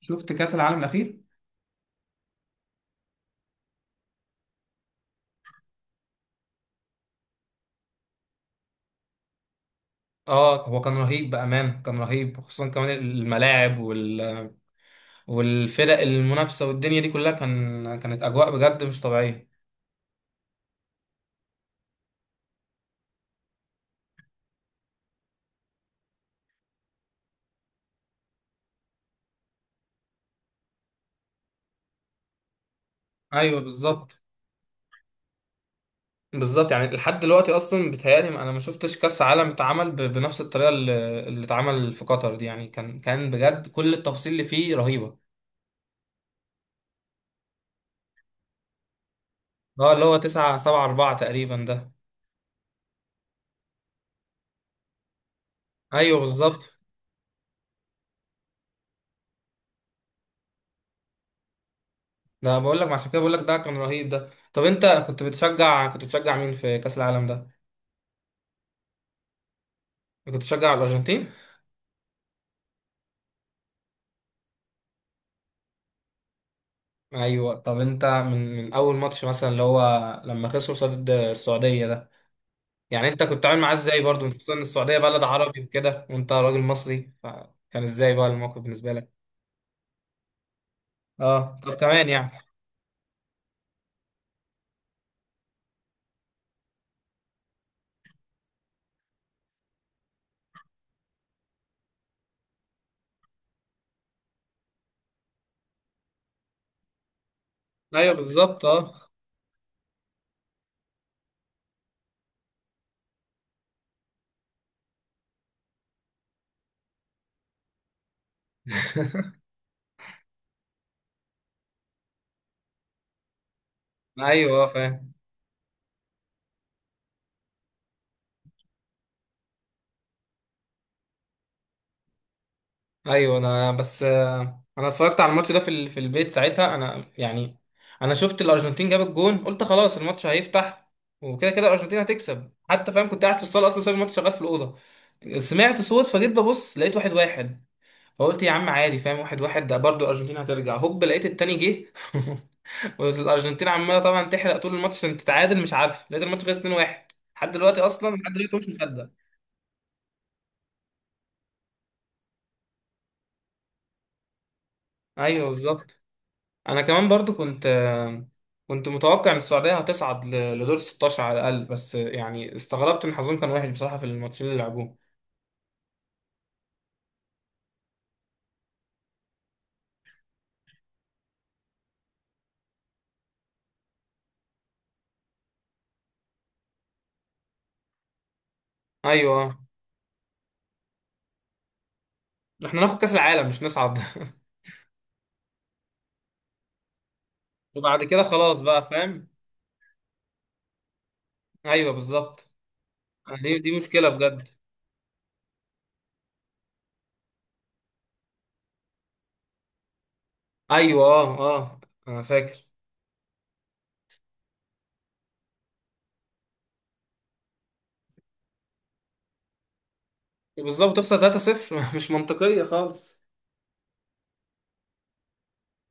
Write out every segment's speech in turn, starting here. شفت كأس العالم الأخير؟ اه، هو كان رهيب بأمان، كان رهيب خصوصا كمان الملاعب وال... والفرق المنافسة والدنيا دي كلها كانت أجواء بجد مش طبيعية. ايوه، بالظبط. بالظبط، يعني لحد دلوقتي اصلا بيتهيألي انا ما شفتش كاس عالم اتعمل بنفس الطريقه اللي اتعمل في قطر دي، يعني كان بجد كل التفاصيل اللي فيه رهيبه. اه، اللي هو 974 تقريبا ده. ايوه، بالظبط. ده بقول لك عشان كده، بقول لك ده كان رهيب ده. طب انت كنت بتشجع مين في كاس العالم ده؟ كنت بتشجع الأرجنتين؟ أيوة. طب أنت من أول ماتش مثلا اللي هو لما خسروا قصاد السعودية ده، يعني أنت كنت عامل معاه إزاي برضه، خصوصا إن السعودية بلد عربي وكده وأنت راجل مصري، فكان إزاي بقى الموقف بالنسبة لك؟ أه، طب كمان يعني. أيوة بالظبط أه. أيوة، آه، فاهم. ايوه، انا بس انا اتفرجت على الماتش ده في في البيت ساعتها، انا يعني انا شفت الارجنتين جاب الجون، قلت خلاص الماتش هيفتح وكده كده الارجنتين هتكسب، حتى فاهم كنت قاعد في الصاله اصلا سايب الماتش شغال في الاوضه. سمعت صوت فجيت ببص، لقيت واحد واحد، فقلت يا عم عادي فاهم، واحد واحد ده برضه الارجنتين هترجع، هوب لقيت التاني جه. والارجنتين عماله طبعا تحرق طول الماتش عشان تتعادل، مش عارف، لقيت الماتش خلص 2-1. لحد دلوقتي اصلا، لحد دلوقتي مش مصدق. ايوه، بالظبط. انا كمان برضو كنت متوقع ان السعوديه هتصعد لدور 16 على الاقل، بس يعني استغربت ان حظهم كان وحش بصراحه في الماتشين اللي لعبوه. ايوه. احنا ناخد كاس العالم مش نصعد. وبعد كده خلاص بقى فاهم. ايوه، بالظبط. دي مشكله بجد. ايوه، اه، اه، انا فاكر. بالظبط، تخسر 3-0. مش منطقيه خالص.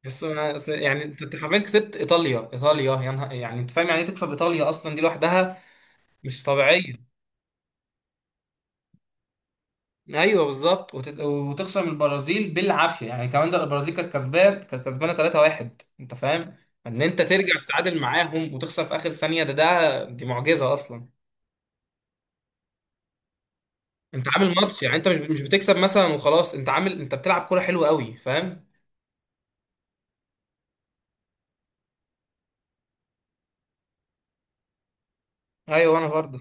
بس أصل يعني أنت حرفيا كسبت ايطاليا ايطاليا يا نهار، يعني انت فاهم يعني إيه تكسب ايطاليا اصلا دي لوحدها. مش طبيعيه. ايوه بالظبط. وتخسر من البرازيل بالعافيه يعني. كمان ده البرازيل كانت كسبانه 3-1. انت فاهم ان انت ترجع تتعادل معاهم وتخسر في اخر ثانيه، ده ده دي معجزه اصلا. انت عامل ماتش يعني، انت مش بتكسب مثلا وخلاص، انت بتلعب كوره حلوه قوي فاهم. ايوه انا برضه.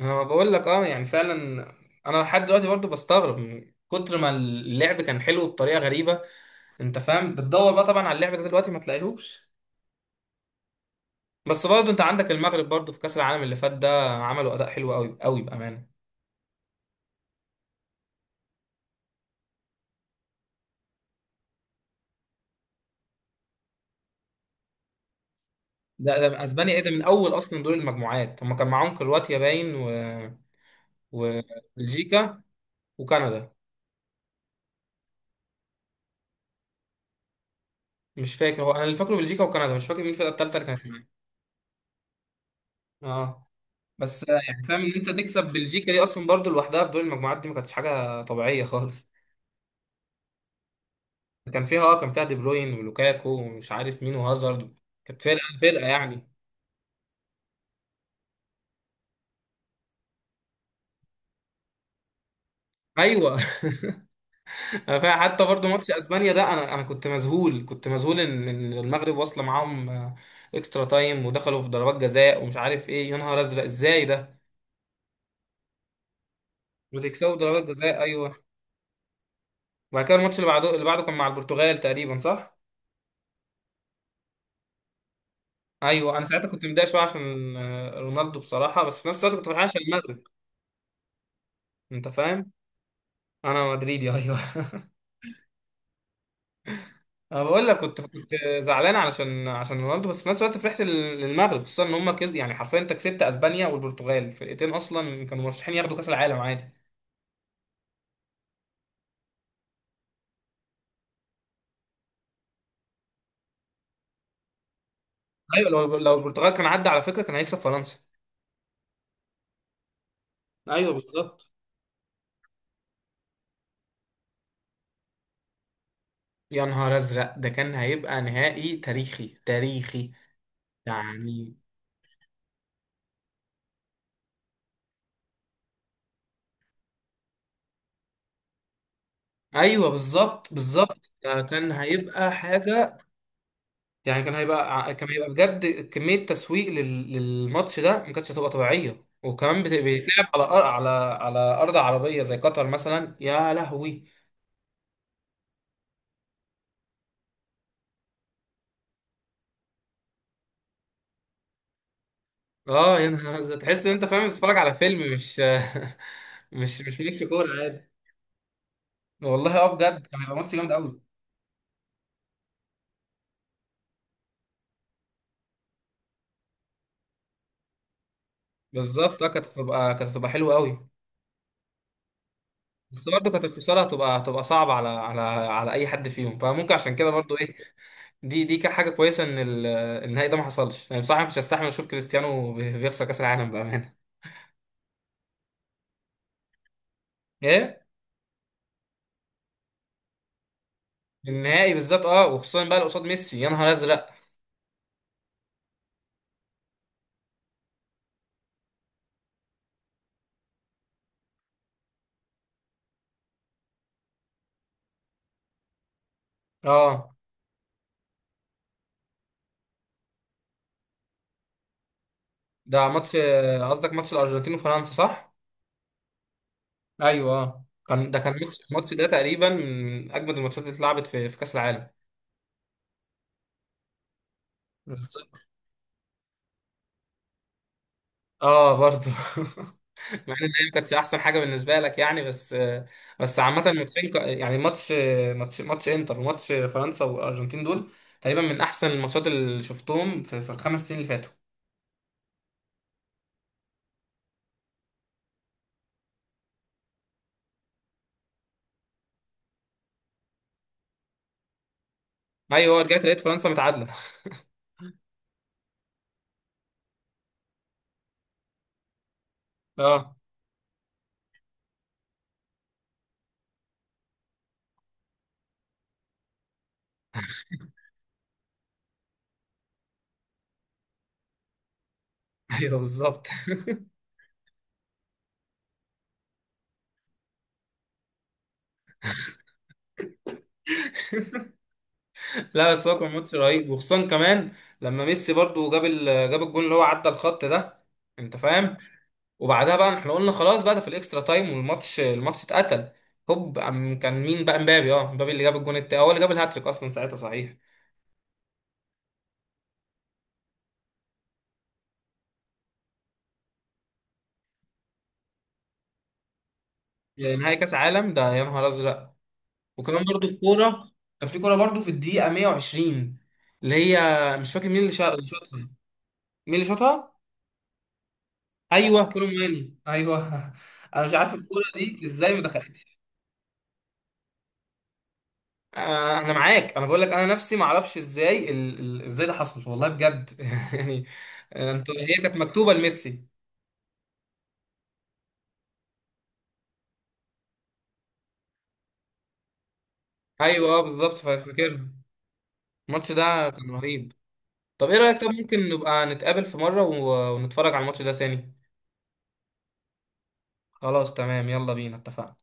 انا بقول لك اه يعني فعلا. انا لحد دلوقتي برضه بستغرب من كتر ما اللعب كان حلو بطريقه غريبه. انت فاهم، بتدور بقى طبعا على اللعب ده دلوقتي ما تلاقيهوش. بس برضه انت عندك المغرب برضه في كاس العالم اللي فات ده، عملوا اداء حلو قوي قوي بامانه. ده اسبانيا ايه ده؟ من اول اصلا دور المجموعات هم كان معاهم كرواتيا باين و... وبلجيكا وكندا. مش فاكر، هو انا اللي فاكره بلجيكا وكندا، مش فاكر مين الفرقه الثالثه اللي كانت معاهم. اه. بس يعني فاهم ان انت تكسب بلجيكا دي اصلا برضه لوحدها في دور المجموعات دي، ما كانتش حاجه طبيعيه خالص. كان فيها دي بروين ولوكاكو ومش عارف مين وهازارد. كانت فرقه، فرقه يعني. ايوه. حتى برضو ماتش اسبانيا ده انا كنت مذهول، كنت مذهول إن المغرب واصله معاهم اكسترا تايم ودخلوا في ضربات جزاء، ومش عارف ايه، يا نهار ازرق ازاي ده. وتكسبوا ضربات جزاء، ايوه. وبعد كده الماتش اللي بعده كان مع البرتغال تقريبا، صح؟ ايوه. انا ساعتها كنت متضايق شويه عشان رونالدو بصراحه، بس في نفس الوقت كنت فرحان عشان المغرب. انت فاهم، انا مدريدي ايوه. انا بقول لك كنت زعلان عشان رونالدو، بس في نفس الوقت فرحت للمغرب خصوصا ان هم يعني حرفيا انت كسبت اسبانيا والبرتغال، فرقتين اصلا كانوا مرشحين ياخدوا كاس العالم عادي. ايوه، لو البرتغال كان عدى على فكره كان هيكسب فرنسا. ايوه بالظبط. يا نهار ازرق، ده كان هيبقى نهائي تاريخي، تاريخي يعني. ايوه بالظبط، بالظبط، ده كان هيبقى حاجه يعني. كان هيبقى بجد كمية تسويق للماتش ده ما كانتش هتبقى طبيعية، وكمان بيتلعب على على أرض عربية زي قطر مثلا يا لهوي. اه، يا نهار أزرق. تحس إن أنت فاهم بتتفرج على فيلم مش مش ماتش كورة عادي. والله اه بجد كان هيبقى ماتش جامد قوي. بالظبط اه، كانت هتبقى حلوة قوي. بس برضه كانت الفصال هتبقى صعبة على أي حد فيهم، فممكن عشان كده برضه إيه. دي كانت حاجة كويسة إن النهائي ده ما حصلش، يعني بصراحة مش هستحمل أشوف كريستيانو بيخسر كأس العالم بأمانة. إيه؟ النهائي بالذات أه، وخصوصا بقى اللي قصاد ميسي يا نهار أزرق. أه. ده ماتش قصدك ماتش الأرجنتين وفرنسا صح؟ أيوه أه، كان ده كان ماتش الماتش ده تقريبا من أجمد الماتشات اللي اتلعبت في في كأس العالم. بالظبط. أه برضه. مع ان الاياب كانتش احسن حاجه بالنسبه لك يعني بس عامه الماتشين يعني ماتش انتر وماتش فرنسا والارجنتين دول تقريبا من احسن الماتشات اللي شفتهم في الخمس سنين اللي فاتوا. ايوه، رجعت لقيت فرنسا متعادله. اه، ايوه بالظبط. لا، بس هو كان ماتش رهيب، وخصوصا كمان لما ميسي برضو جاب جاب الجون اللي هو عدى الخط ده. انت فاهم، وبعدها بقى احنا قلنا خلاص بقى ده في الاكسترا تايم، والماتش اتقتل. هوب كان مين بقى امبابي اللي جاب الجون التاني هو اللي جاب الهاتريك اصلا ساعتها، صحيح؟ يعني نهائي كاس عالم ده يا نهار ازرق. وكمان برضو الكوره، كان في كوره برضو في الدقيقه 120 اللي هي مش فاكر مين اللي شاطها. مين اللي شاطها؟ ايوه كولو مواني، ايوه. انا مش عارف الكوره دي ازاي ما دخلتش. آه، انا معاك. انا بقول لك انا نفسي ما اعرفش ازاي ده حصل والله بجد. يعني آه، انت هي كانت مكتوبه لميسي. ايوه اه بالظبط، فاكرها. الماتش ده كان رهيب. طب ايه رايك، طب ممكن نبقى نتقابل في مره ونتفرج على الماتش ده ثاني؟ خلاص تمام، يلا بينا اتفقنا.